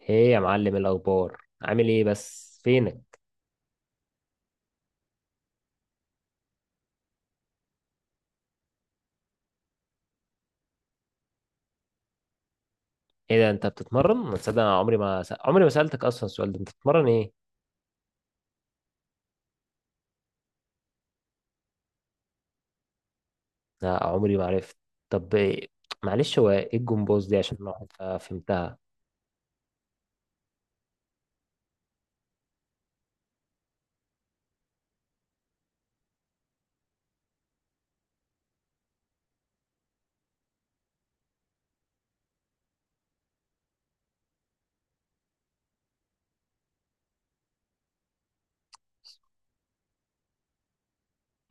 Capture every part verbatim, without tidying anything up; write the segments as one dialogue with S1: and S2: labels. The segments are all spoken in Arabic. S1: ايه يا معلم، الاخبار؟ عامل ايه؟ بس فينك؟ ايه ده؟ انت بتتمرن؟ ما تصدق، انا عمري ما س... عمري ما سالتك اصلا السؤال ده. انت بتتمرن ايه؟ لا، عمري ما عرفت. طب إيه؟ معلش، هو ايه الجمبوز دي، عشان الواحد ما فهمتها؟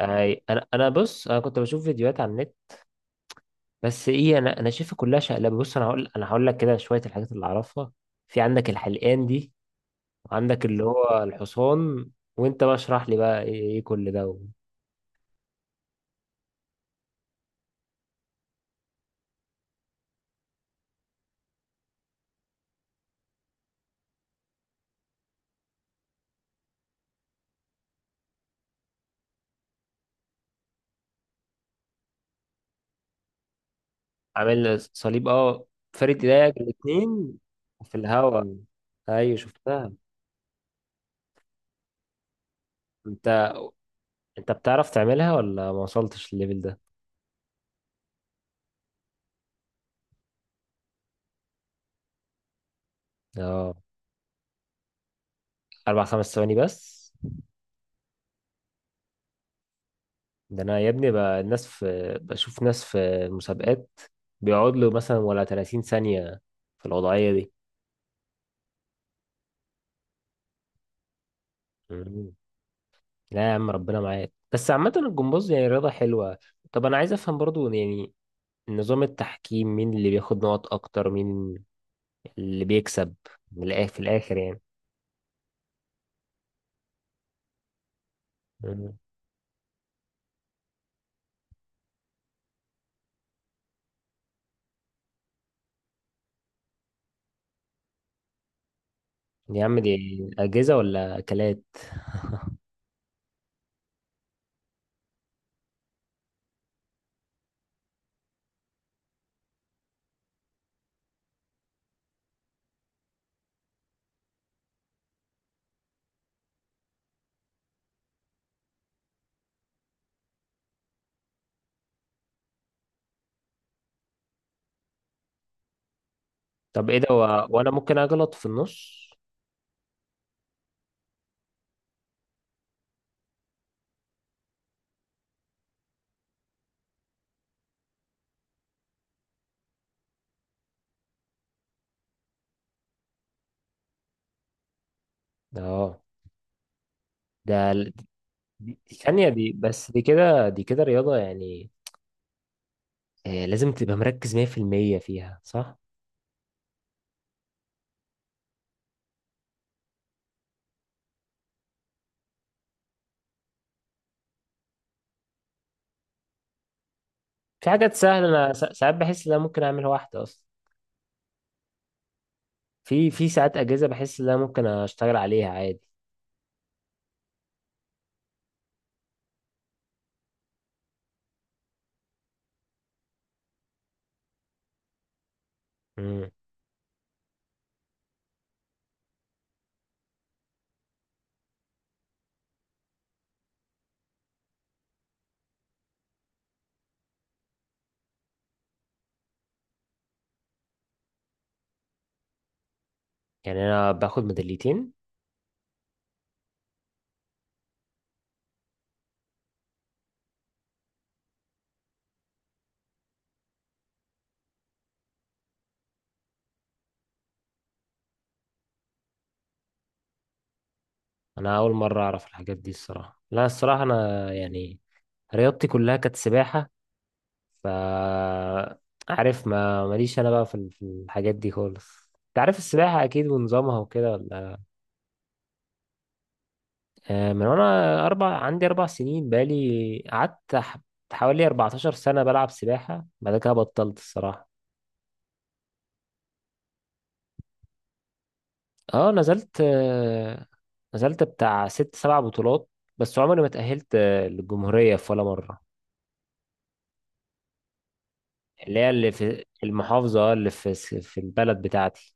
S1: أي... انا، انا بص، انا كنت بشوف فيديوهات على النت. بس ايه، انا انا شايفها كلها شقلبه. بص، انا هقول انا هقول لك كده شويه الحاجات اللي اعرفها. في عندك الحلقان دي، وعندك اللي هو الحصان. وانت بقى اشرح لي بقى، ايه إيه كل ده؟ عامل صليب، اه. فارد ايديك الاتنين. في الهوا. ايوه، شفتها. انت انت بتعرف تعملها ولا ما وصلتش الليفل ده؟ اه، اربع خمس ثواني بس؟ ده انا يا ابني، بقى الناس، في، بشوف ناس في مسابقات بيقعد له مثلا ولا ثلاثين ثانية في الوضعية دي. مم. لا يا عم، ربنا معاك. بس عامة الجمباز يعني رياضة حلوة. طب انا عايز افهم برضو يعني نظام التحكيم. مين اللي بياخد نقط اكتر؟ مين اللي بيكسب؟ من الآخر في الاخر يعني. مم. يا عم، دي أجهزة ولا أكلات؟ طب إيه ده و... وأنا ممكن أغلط في النص؟ أه، ده ال- دي دي ثانية. دي بس، دي كده، دي كده رياضة يعني. آه، لازم تبقى مركز مية في المية فيها، صح؟ في حاجات سهلة، أنا سا- ساعات بحس إن أنا ممكن أعملها واحدة أصلا. في في ساعات أجهزة بحس إن أنا ممكن أشتغل عليها عادي. مم. يعني أنا باخد ميداليتين؟ أنا أول مرة أعرف الحاجات دي الصراحة. لا، الصراحة أنا يعني رياضتي كلها كانت سباحة. ف، عارف، ما ماليش انا بقى في ال- في الحاجات دي خالص. انت عارف السباحة اكيد ونظامها وكده، ولا؟ آه، من وانا اربع عندي اربع سنين، بقالي قعدت ح- حوالي اربعة عشر سنة بلعب سباحة. بعد كده بطلت الصراحة. اه، نزلت آه، نزلت بتاع ست سبع بطولات. بس عمري ما اتأهلت آه، للجمهورية في ولا مرة. اللي هي اللي في المحافظة، اللي في في البلد بتاعتي.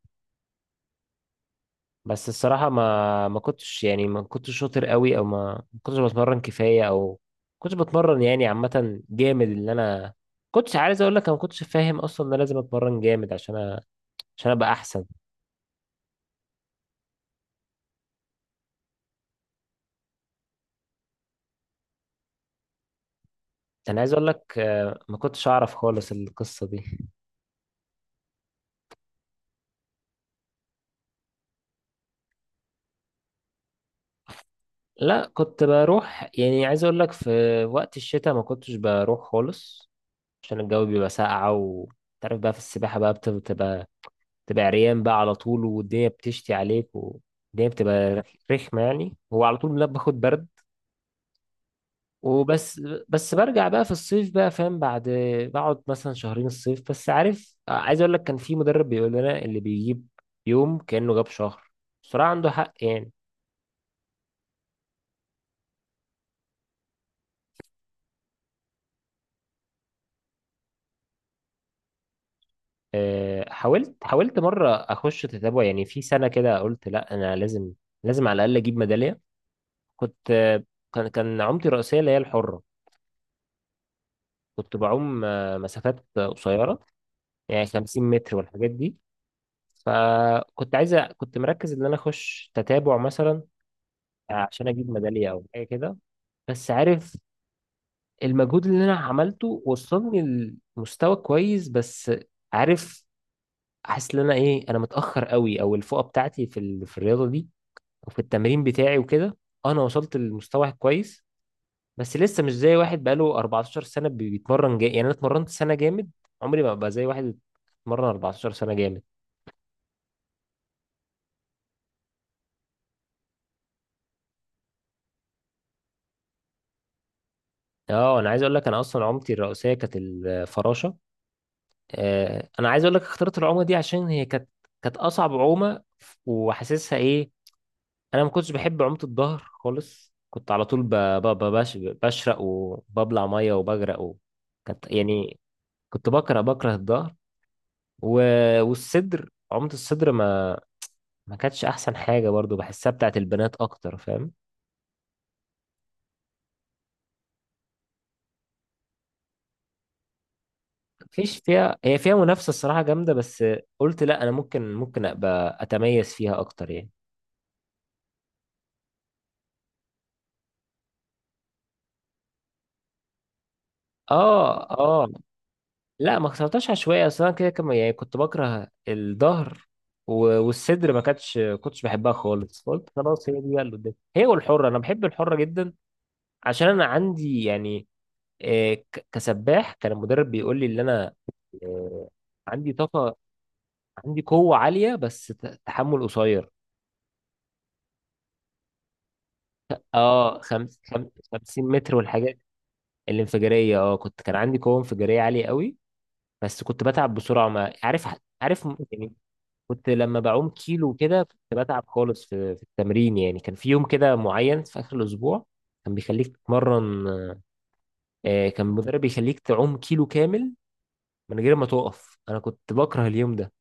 S1: بس الصراحة ما ما كنتش يعني، ما كنتش شاطر قوي، او ما ما كنتش بتمرن كفاية، او ما كنتش بتمرن يعني، عامة جامد اللي انا كنتش عايز اقول لك. انا ما كنتش فاهم اصلا ان انا لازم اتمرن جامد عشان أ... عشان ابقى احسن. انا عايز اقول لك، آه، ما كنتش اعرف خالص القصة دي. لا، كنت بروح يعني، عايز اقول لك، في وقت الشتاء ما كنتش بروح خالص، عشان الجو بيبقى ساقعة، وتعرف بقى في السباحة بقى بتبقى، تبقى عريان بقى على طول، والدنيا بتشتي عليك، والدنيا بتبقى رخمة يعني. هو على طول لا، باخد برد وبس. بس برجع بقى في الصيف بقى، فاهم. بعد بقعد مثلا شهرين الصيف بس. عارف، عايز اقول لك، كان في مدرب بيقول لنا: اللي بيجيب يوم كأنه جاب شهر. بصراحة عنده حق يعني. آه، حاولت حاولت مرة اخش تتابع، يعني في سنة كده قلت لا، انا لازم، لازم على الاقل اجيب ميدالية. كنت آه، كان كان عومتي الرئيسية اللي هي الحرة. كنت بعوم آه، مسافات قصيرة، يعني خمسين متر والحاجات دي. فكنت عايز أ- كنت مركز ان انا اخش تتابع مثلا، عشان اجيب ميداليه او حاجه كده. بس عارف، المجهود اللي انا عملته وصلني لمستوى كويس. بس عارف، حاسس ان انا ايه، انا متاخر قوي، او الفوقه بتاعتي في ال... في الرياضه دي وفي التمرين بتاعي وكده. انا وصلت للمستوى كويس، بس لسه مش زي واحد بقاله اربعة عشر سنه بي- بيتمرن جا... يعني انا اتمرنت سنه جامد، عمري ما ابقى زي واحد اتمرن اربعة عشر سنه جامد. اه، انا عايز اقول لك، انا اصلا عملتي الرئيسيه كانت الفراشه. آه، انا عايز اقول لك، اخترت العومه دي عشان هي كانت كانت اصعب عومه، وحاسسها ايه. انا ما كنتش بحب عومه الظهر خالص، كنت على طول ب... ب... ب... بش... بشرق وببلع ميه وبغرق و... كانت يعني. كنت بكره، بكره الظهر و... والصدر عومه الصدر ما ما كانتش احسن حاجه برضو، بحسها بتاعت البنات اكتر، فاهم. مفيش فيها، هي فيها منافسه الصراحه جامده. بس قلت لا، انا ممكن ممكن ابقى اتميز فيها اكتر يعني. اه اه. لا، ما اخترتهاش عشوائي. اصل انا كده كم، يعني كنت بكره الظهر، و- والصدر ما كانتش كنتش بحبها خالص. فقلت خلاص، هي دي بقى اللي قدامي، هي والحره. انا بحب الحره جدا، عشان انا عندي يعني، آه، ك- كسباح، كان المدرب بيقول لي ان انا، آه، عندي طاقه، عندي قوه عاليه، بس ت- تحمل قصير. اه، خمس خم- خمسين متر والحاجات الانفجاريه. اه، كنت كان عندي قوه انفجاريه عاليه قوي، بس كنت بتعب بسرعه. ما عارف، عارف، يعني كنت لما بعوم كيلو كده كنت بتعب خالص في في التمرين. يعني كان في يوم كده معين في آخر الأسبوع كان بيخليك تتمرن، آه، كان المدرب بيخليك تعوم كيلو كامل من غير ما تقف. أنا كنت بكره اليوم ده.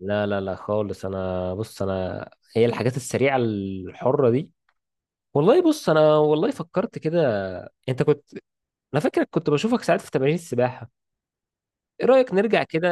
S1: لا لا لا خالص، أنا بص. أنا هي الحاجات السريعة الحرة دي، والله. بص، أنا والله فكرت كده. أنت كنت، أنا فاكرك كنت بشوفك ساعات في تمارين السباحة. إيه رأيك نرجع كده؟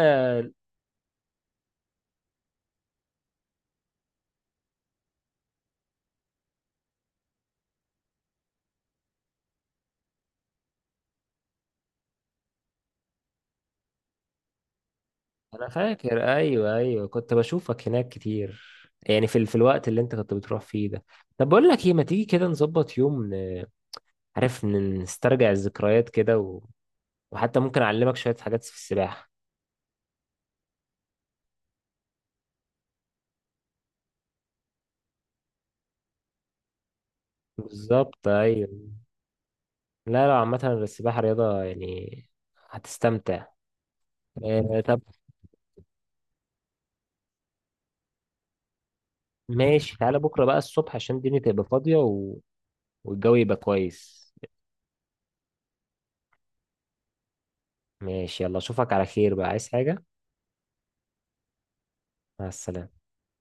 S1: انا فاكر، ايوه ايوه، كنت بشوفك هناك كتير، يعني في ال- في الوقت اللي انت كنت بتروح فيه ده. طب بقول لك ايه، ما تيجي كده نظبط يوم، ن- عارف، ن- نسترجع الذكريات كده و... وحتى ممكن اعلمك شوية حاجات في السباحة. بالظبط، ايوه. لا لا، عامة السباحة رياضة يعني هتستمتع. آه طب، ماشي، تعالى بكرة بقى الصبح، عشان الدنيا تبقى فاضية و... والجو يبقى كويس. ماشي، يلا، اشوفك على خير بقى. عايز حاجة؟ مع السلامة.